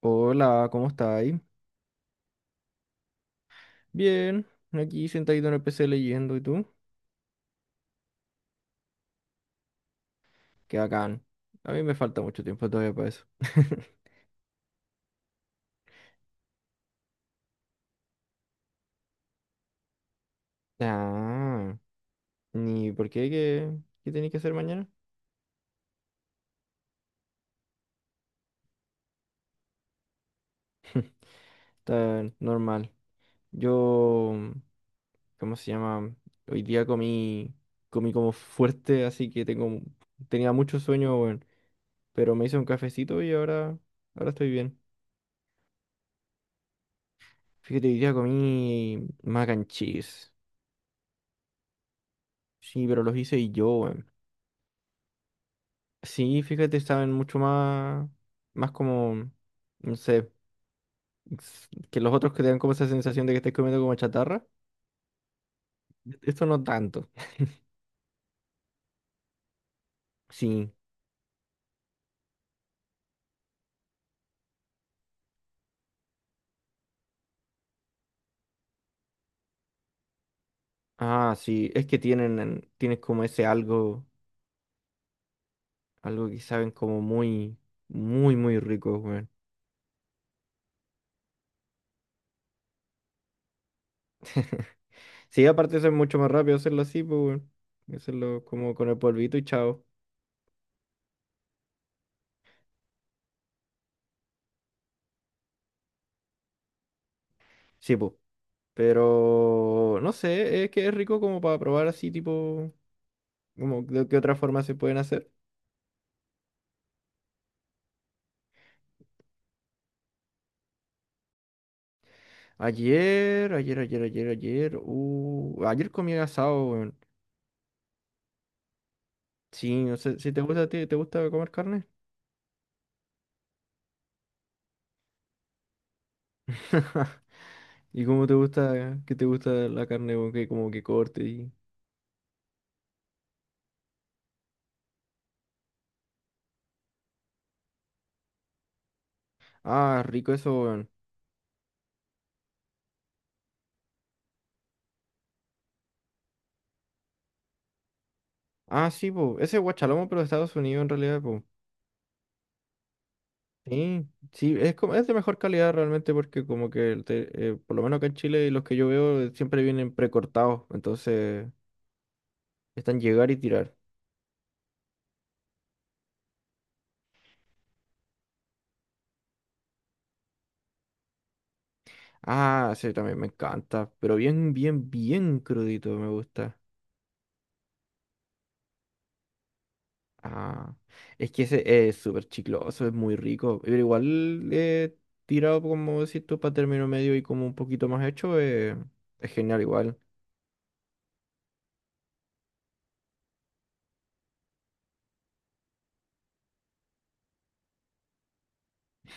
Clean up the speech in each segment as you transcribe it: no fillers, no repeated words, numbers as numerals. Hola, ¿cómo estáis? Bien, aquí sentadito en el PC leyendo, ¿y tú? Qué bacán. A mí me falta mucho tiempo todavía para eso. Ah, ¿y por qué? ¿Qué tenéis que hacer mañana? Está normal. Yo, ¿cómo se llama? Hoy día comí como fuerte, así que tenía mucho sueño, weón. Pero me hice un cafecito y ahora estoy bien. Fíjate, hoy día comí mac and cheese. Sí, pero los hice yo. Sí, fíjate, saben mucho más como, no sé, que los otros que te dan como esa sensación de que estás comiendo como chatarra. Esto no tanto. Sí. Ah, sí, es que tienen, tienen como ese algo que saben como muy, muy, muy rico, weón. Sí, aparte eso es mucho más rápido hacerlo así, pues, weón. Hacerlo como con el polvito y chao. Sí, pues. Pero, no sé, es que es rico como para probar así, tipo, como de qué otra forma se pueden hacer. Ayer comí asado, weón. Sí, no sé, si te gusta a ti, ¿te gusta comer carne? ¿Y cómo te gusta, qué te gusta la carne, weón? Que como que corte y. Ah, rico eso, weón. Ah, sí, po. Ese es guachalomo, pero de Estados Unidos en realidad, po. Sí, sí, es, como, es de mejor calidad realmente porque como que, por lo menos acá en Chile, los que yo veo siempre vienen precortados. Entonces, están llegar y tirar. Ah, sí, también me encanta. Pero bien, bien, bien crudito me gusta. Ah, es que ese es súper chicloso, es muy rico. Pero igual tirado, como decís tú, para término medio y como un poquito más hecho, es genial igual.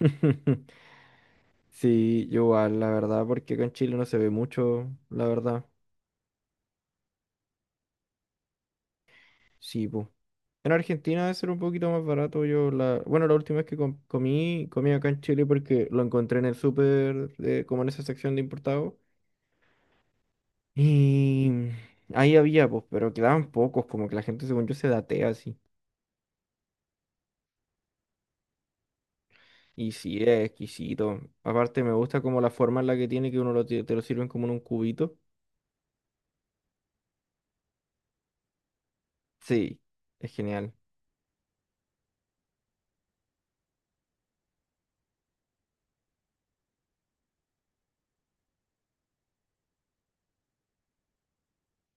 Sí, yo igual, la verdad, porque acá en Chile no se ve mucho, la verdad. Sí, pues. En Argentina debe ser un poquito más barato. Yo bueno, la última vez que comí acá en Chile porque lo encontré en el súper, como en esa sección de importados. Y ahí había, pues, pero quedaban pocos, como que la gente, según yo, se datea así. Y sí, es exquisito. Aparte, me gusta como la forma en la que tiene, que uno te lo sirven como en un cubito. Sí, es genial.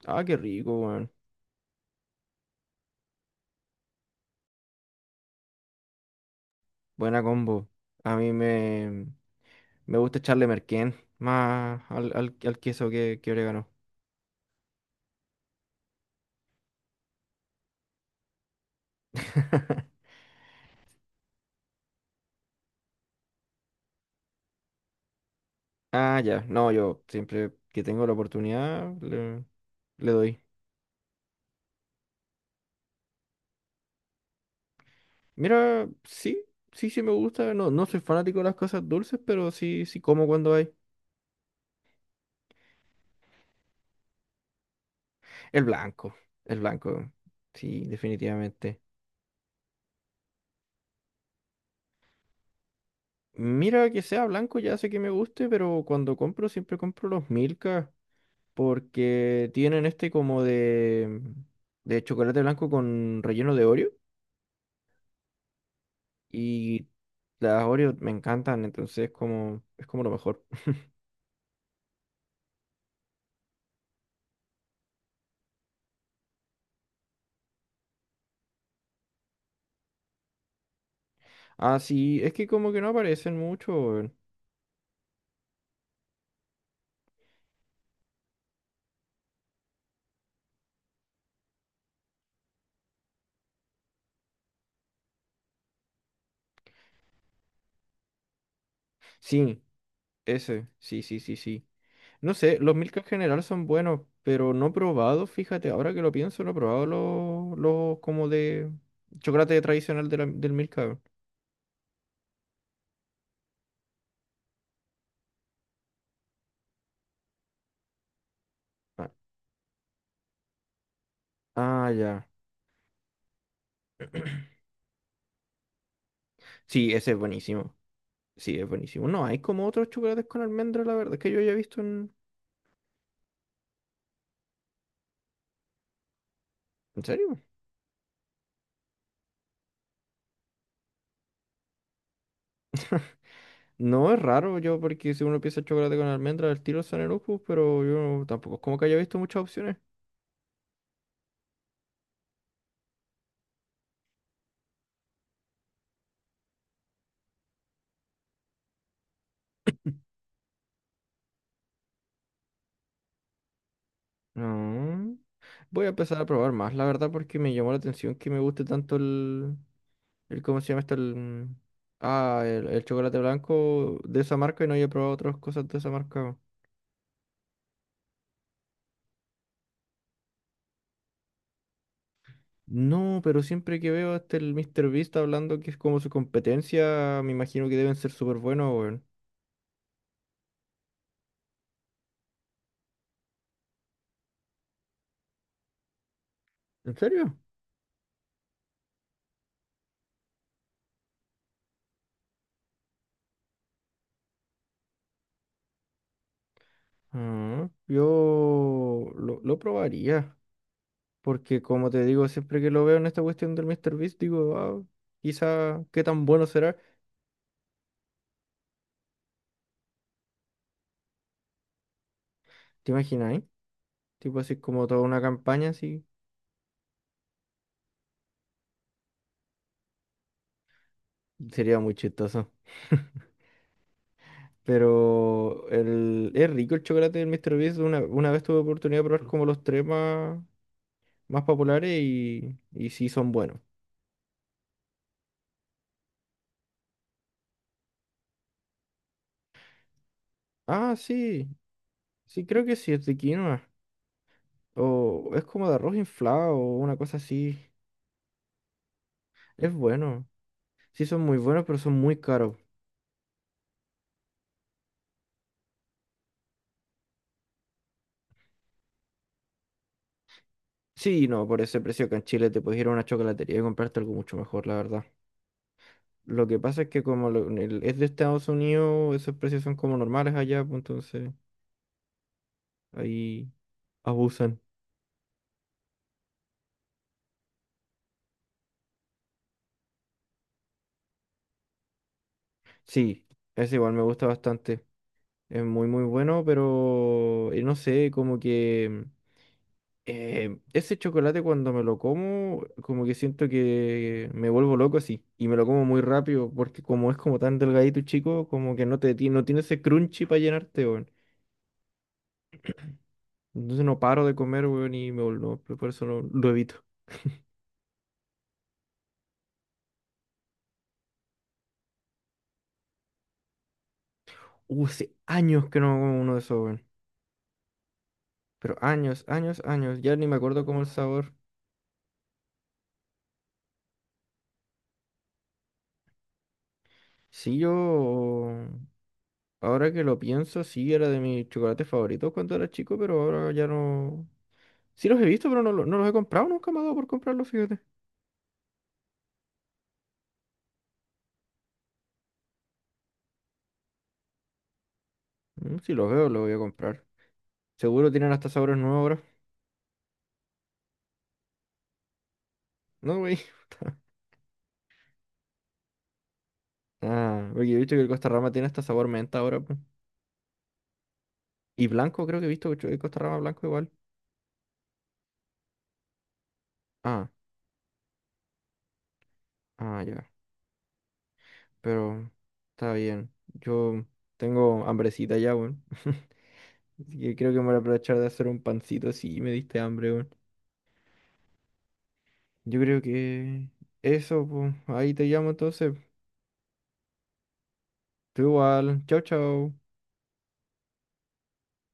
Ah, qué rico, weón. Buena combo. A mí me gusta echarle merquén más al queso que orégano. Ah, ya. No, yo siempre que tengo la oportunidad le doy. Mira, sí, sí, sí me gusta. No, no soy fanático de las cosas dulces, pero sí, sí como cuando hay. El blanco, el blanco. Sí, definitivamente. Mira, que sea blanco ya sé que me guste, pero cuando compro siempre compro los Milka porque tienen este como de chocolate blanco con relleno de Oreo y las Oreo me encantan, entonces como es como lo mejor. Ah, sí, es que como que no aparecen mucho, weón. Sí, ese, sí, sí, sí, sí. No sé, los Milka en general son buenos, pero no he probado, fíjate, ahora que lo pienso, no he probado los como de chocolate tradicional del Milka, weón. Ah, ah, ya. Sí, ese es buenísimo. Sí, es buenísimo. No, hay como otros chocolates con almendra, la verdad, es que yo haya visto en. ¿En serio? No, es raro yo, porque si uno piensa chocolate con almendra, el tiro son Lupus, pero yo tampoco es como que haya visto muchas opciones. No. Voy a empezar a probar más, la verdad, porque me llamó la atención que me guste tanto el ¿cómo se llama esto? El. Ah, el chocolate blanco de esa marca y no haya probado otras cosas de esa marca. No, pero siempre que veo a este el Mr. Beast hablando que es como su competencia, me imagino que deben ser súper buenos, weón. ¿En serio? Ah, yo lo probaría, porque como te digo, siempre que lo veo en esta cuestión del Mr. Beast, digo, ah, quizá qué tan bueno será. ¿Te imaginas, eh? Tipo así como toda una campaña así. Sería muy chistoso. Pero es rico el chocolate del Mr. Beast. Una vez tuve oportunidad de probar como los tres más populares y sí son buenos. Ah, sí, sí creo que sí es de quinoa. O es como de arroz inflado o una cosa así. Es bueno. Sí son muy buenos, pero son muy caros. Sí, no, por ese precio que en Chile te puedes ir a una chocolatería y comprarte algo mucho mejor, la verdad. Lo que pasa es que como es de Estados Unidos, esos precios son como normales allá, pues entonces ahí abusan. Sí, es igual, me gusta bastante. Es muy, muy bueno, pero no sé, como que. Ese chocolate cuando me lo como, como que siento que me vuelvo loco así. Y me lo como muy rápido porque como es como tan delgadito y chico, como que no tiene ese crunchy para llenarte, weón. Entonces no paro de comer, weón, y me vuelvo, por eso lo evito. Hace años que no como uno de esos, weón. Pero años, años, años. Ya ni me acuerdo cómo el sabor. Sí, yo, ahora que lo pienso, sí era de mis chocolates favoritos cuando era chico, pero ahora ya no. Sí los he visto, pero no, no los he comprado, nunca me ha dado por comprarlos, fíjate. Si los veo, los voy a comprar. Seguro tienen hasta sabores nuevos ahora. No, güey. Ah, porque he visto que el Costa Rama tiene hasta sabor menta ahora, po. Y blanco, creo que he visto que el Costa Rama blanco igual. Ah, ah, ya. Pero está bien. Yo tengo hambrecita ya, weón. Así que creo que me voy a aprovechar de hacer un pancito si me diste hambre, weón. Yo creo que eso, pues. Ahí te llamo entonces. Tú igual. Chao, chao.